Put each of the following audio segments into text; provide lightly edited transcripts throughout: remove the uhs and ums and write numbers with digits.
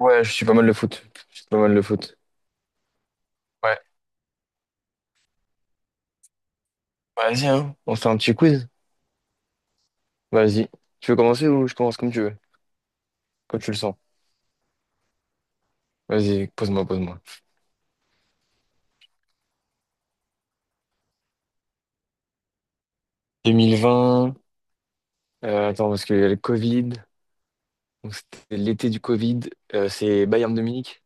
Ouais, je suis pas mal le foot. Je suis pas mal le foot. Ouais. Vas-y, hein, on se fait un petit quiz. Vas-y. Tu veux commencer ou je commence, comme tu veux, comme tu le sens. Vas-y, pose-moi, pose-moi. 2020, attends, parce qu'il y a le Covid. Donc c'était l'été du Covid. C'est Bayern de Munich,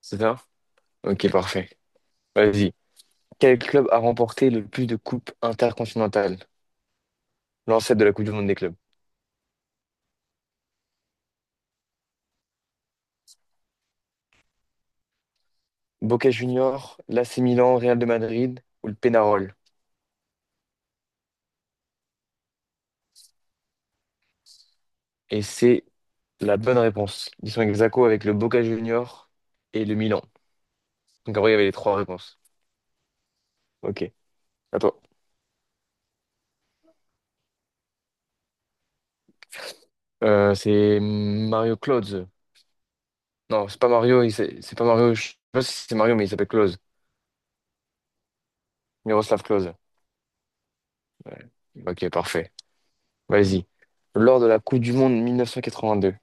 c'est ça? Ok, parfait. Vas-y. Quel club a remporté le plus de coupes intercontinentales? L'ancêtre de la Coupe du Monde des clubs. Boca Juniors, l'AC Milan, Real de Madrid ou le Pénarol? Et c'est la bonne réponse. Ils sont ex aequo avec le Boca Junior et le Milan. Donc en vrai, il y avait les trois réponses. Ok, à toi. C'est Mario Klose. Non, c'est pas Mario, c'est pas Mario. Je sais pas si c'est Mario, mais il s'appelle Klose. Miroslav Klose. Ouais. Ok, parfait. Vas-y. Lors de la Coupe du Monde 1982,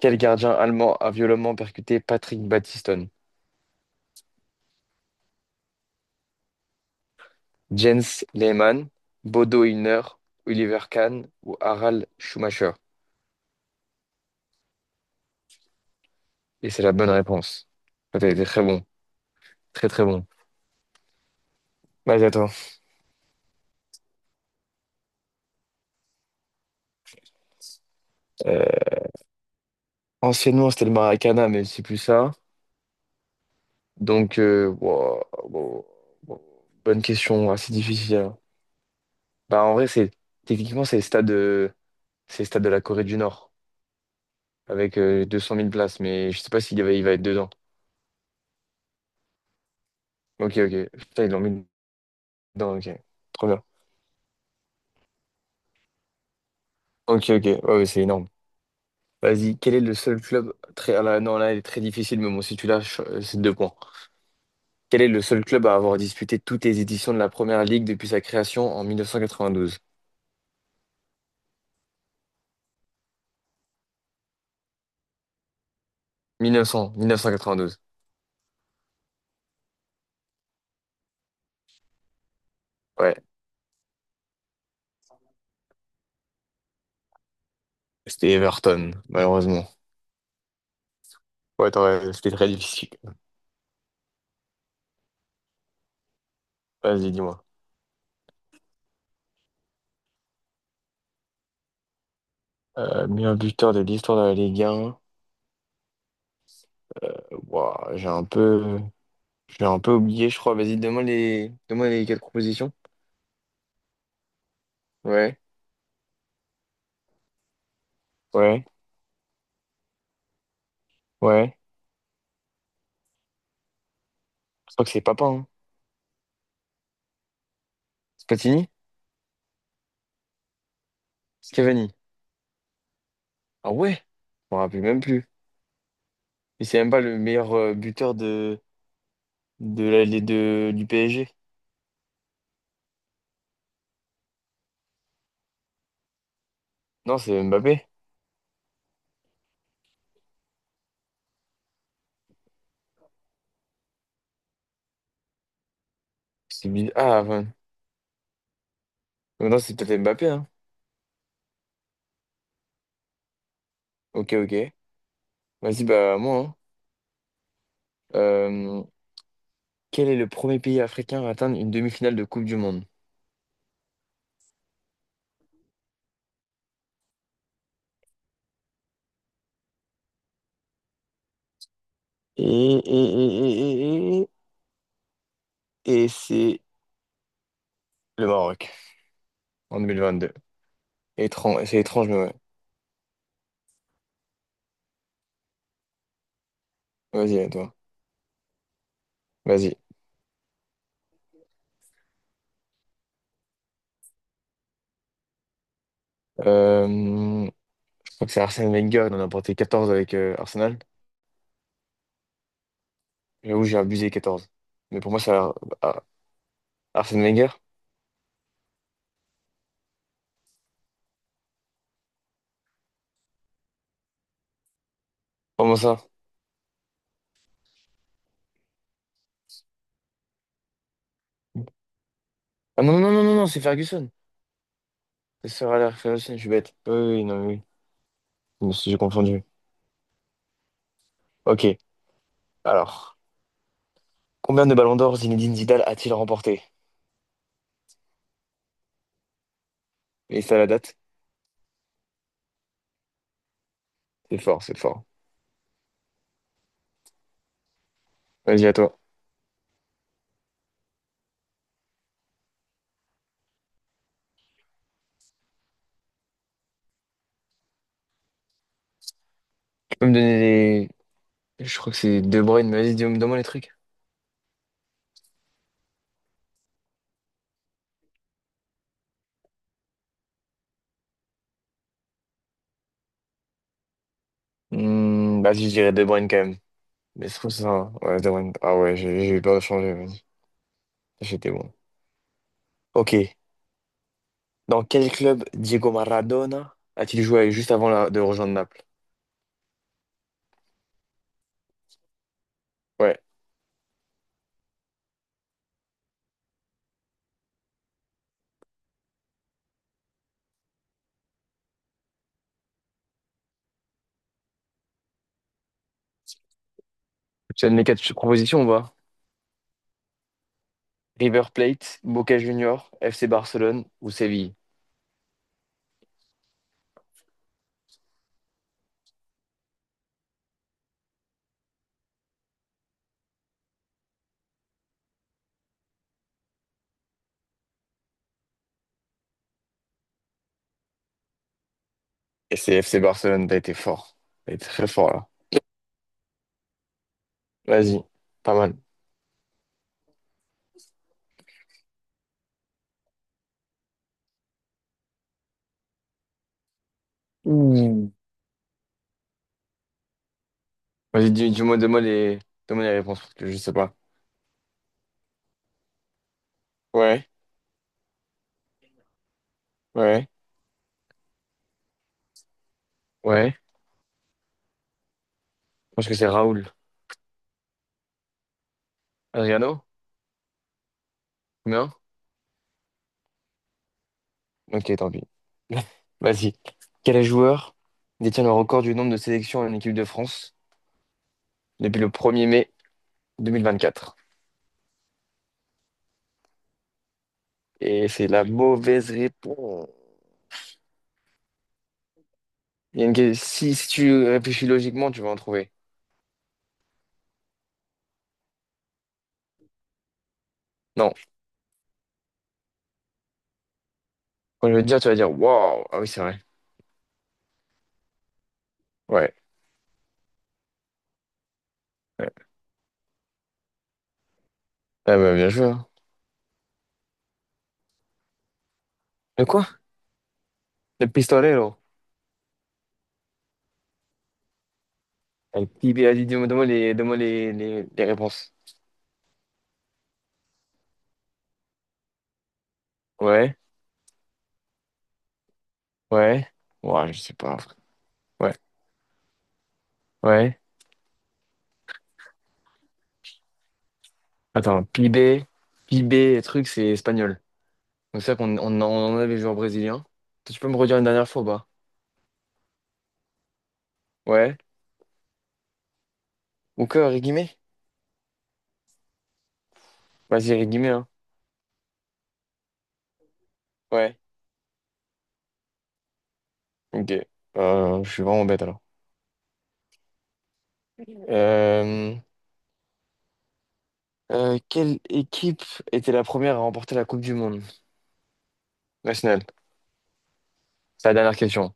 quel gardien allemand a violemment percuté Patrick Battiston? Jens Lehmann, Bodo Illner, Oliver Kahn ou Harald Schumacher? Et c'est la bonne réponse. Ouais, t'as été très bon. Très très bon. Vas-y, attends. Euh, anciennement, c'était le Maracana, mais c'est plus ça. Donc, wow, wow, wow. Bonne question, assez difficile, hein. Bah, en vrai, c'est techniquement, c'est le stade de la Corée du Nord, avec 200 000 places, mais je sais pas il va être dedans. Ok, ok. Putain, ils l'ont mis dedans, ok. Trop bien. Ok, ok. Ouais, ouais, c'est énorme. Vas-y, quel est le seul club ah là, non, là, il est très difficile, mais bon, si tu lâches, c'est deux points. Quel est le seul club à avoir disputé toutes les éditions de la Première Ligue depuis sa création en 1992, 1900, 1992? Ouais, c'était Everton, malheureusement. Ouais, c'était très difficile. Vas-y, dis-moi. Meilleur buteur de l'histoire de la Ligue 1. Ouah, j'ai un peu oublié, je crois. Vas-y, donne-moi les quatre propositions. Ouais, ouais, ouais. Je crois que c'est Papin, hein. Spatini? Cavani. Ah ouais? Je m'en rappelle même plus. Et c'est même pas le meilleur buteur de la, les- de, du PSG. Non, c'est Mbappé. Ah, enfin. Non, c'est peut-être Mbappé, hein. Ok, ok. Vas-y, bah moi, hein. Euh, quel est le premier pays africain à atteindre une demi-finale de Coupe du Monde? Et, et, et, et, et, et c'est le Maroc en 2022. Étrange, c'est étrange, mais ouais. Vas-y, à toi. Vas-y. Euh, je crois que c'est Arsène Wenger, il en a porté 14 avec Arsenal. J'avoue, j'ai abusé, 14. Mais pour moi, c'est Ar- Arsène Wenger. Comment ça? Ah non, non, non, non, non, c'est Ferguson. C'est Sir Alex Ferguson, je suis bête. Oui, oui, non, oui, oui. Je me suis j'ai confondu. Ok, alors. Combien de ballons d'or Zinedine Zidane a-t-il remporté? Et ça, la date? C'est fort, c'est fort. Vas-y, à toi. Tu peux me donner les. Je crois que c'est De Bruyne, mais vas-y, dis-moi, donne-moi les trucs. Vas-y, je dirais De Bruyne quand même. Mais je trouve ça. Ouais, De Bruyne. Ah ouais, j'ai eu peur de changer, vas-y. J'étais bon. Ok. Dans quel club Diego Maradona a-t-il joué juste avant de rejoindre Naples? Ouais. Tu as mes quatre propositions, on va. River Plate, Boca Juniors, FC Barcelone ou Séville? Et c'est FC Barcelone, t'as été fort. T'as été très fort, là. Vas-y. Pas mal. Ouh. Vas-y, dis-moi, donne-moi les réponses, parce que je sais pas. Ouais, ouais. Ouais, je pense que c'est Raoul. Adriano? Combien? Ok, tant pis. Vas-y. Quel joueur détient le record du nombre de sélections en équipe de France depuis le 1er mai 2024? Et c'est la mauvaise réponse. Il y a une... que- Si, si tu réfléchis logiquement, tu vas en trouver. Non. Quand je vais te dire, tu vas dire, waouh, ah oui, c'est vrai. Ouais. Ouais. Ah bah, bien joué, hein. De quoi? Le pistolet. Vas-y, dis-moi, donne-moi les réponses. Ouais, ouais. Ouais, je sais pas. Ouais, ouais. Attends, PIB, truc, c'est espagnol. Donc c'est ça qu'on on, en on avait joué en brésilien. Tu peux me redire une dernière fois, ou pas? Ouais. Ou que, Rigimé? Vas-y, Rigimé, hein. Ouais. Ok. Je suis vraiment bête alors. Euh, quelle équipe était la première à remporter la Coupe du Monde nationale? C'est la dernière question.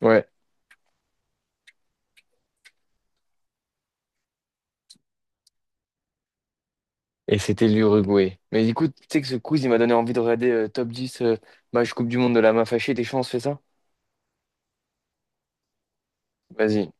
Ouais. Et c'était l'Uruguay. Mais écoute, tu sais que ce quiz, il m'a donné envie de regarder top 10, match Coupe du Monde de la main fâchée. T'es chaud, on se fait ça? Vas-y.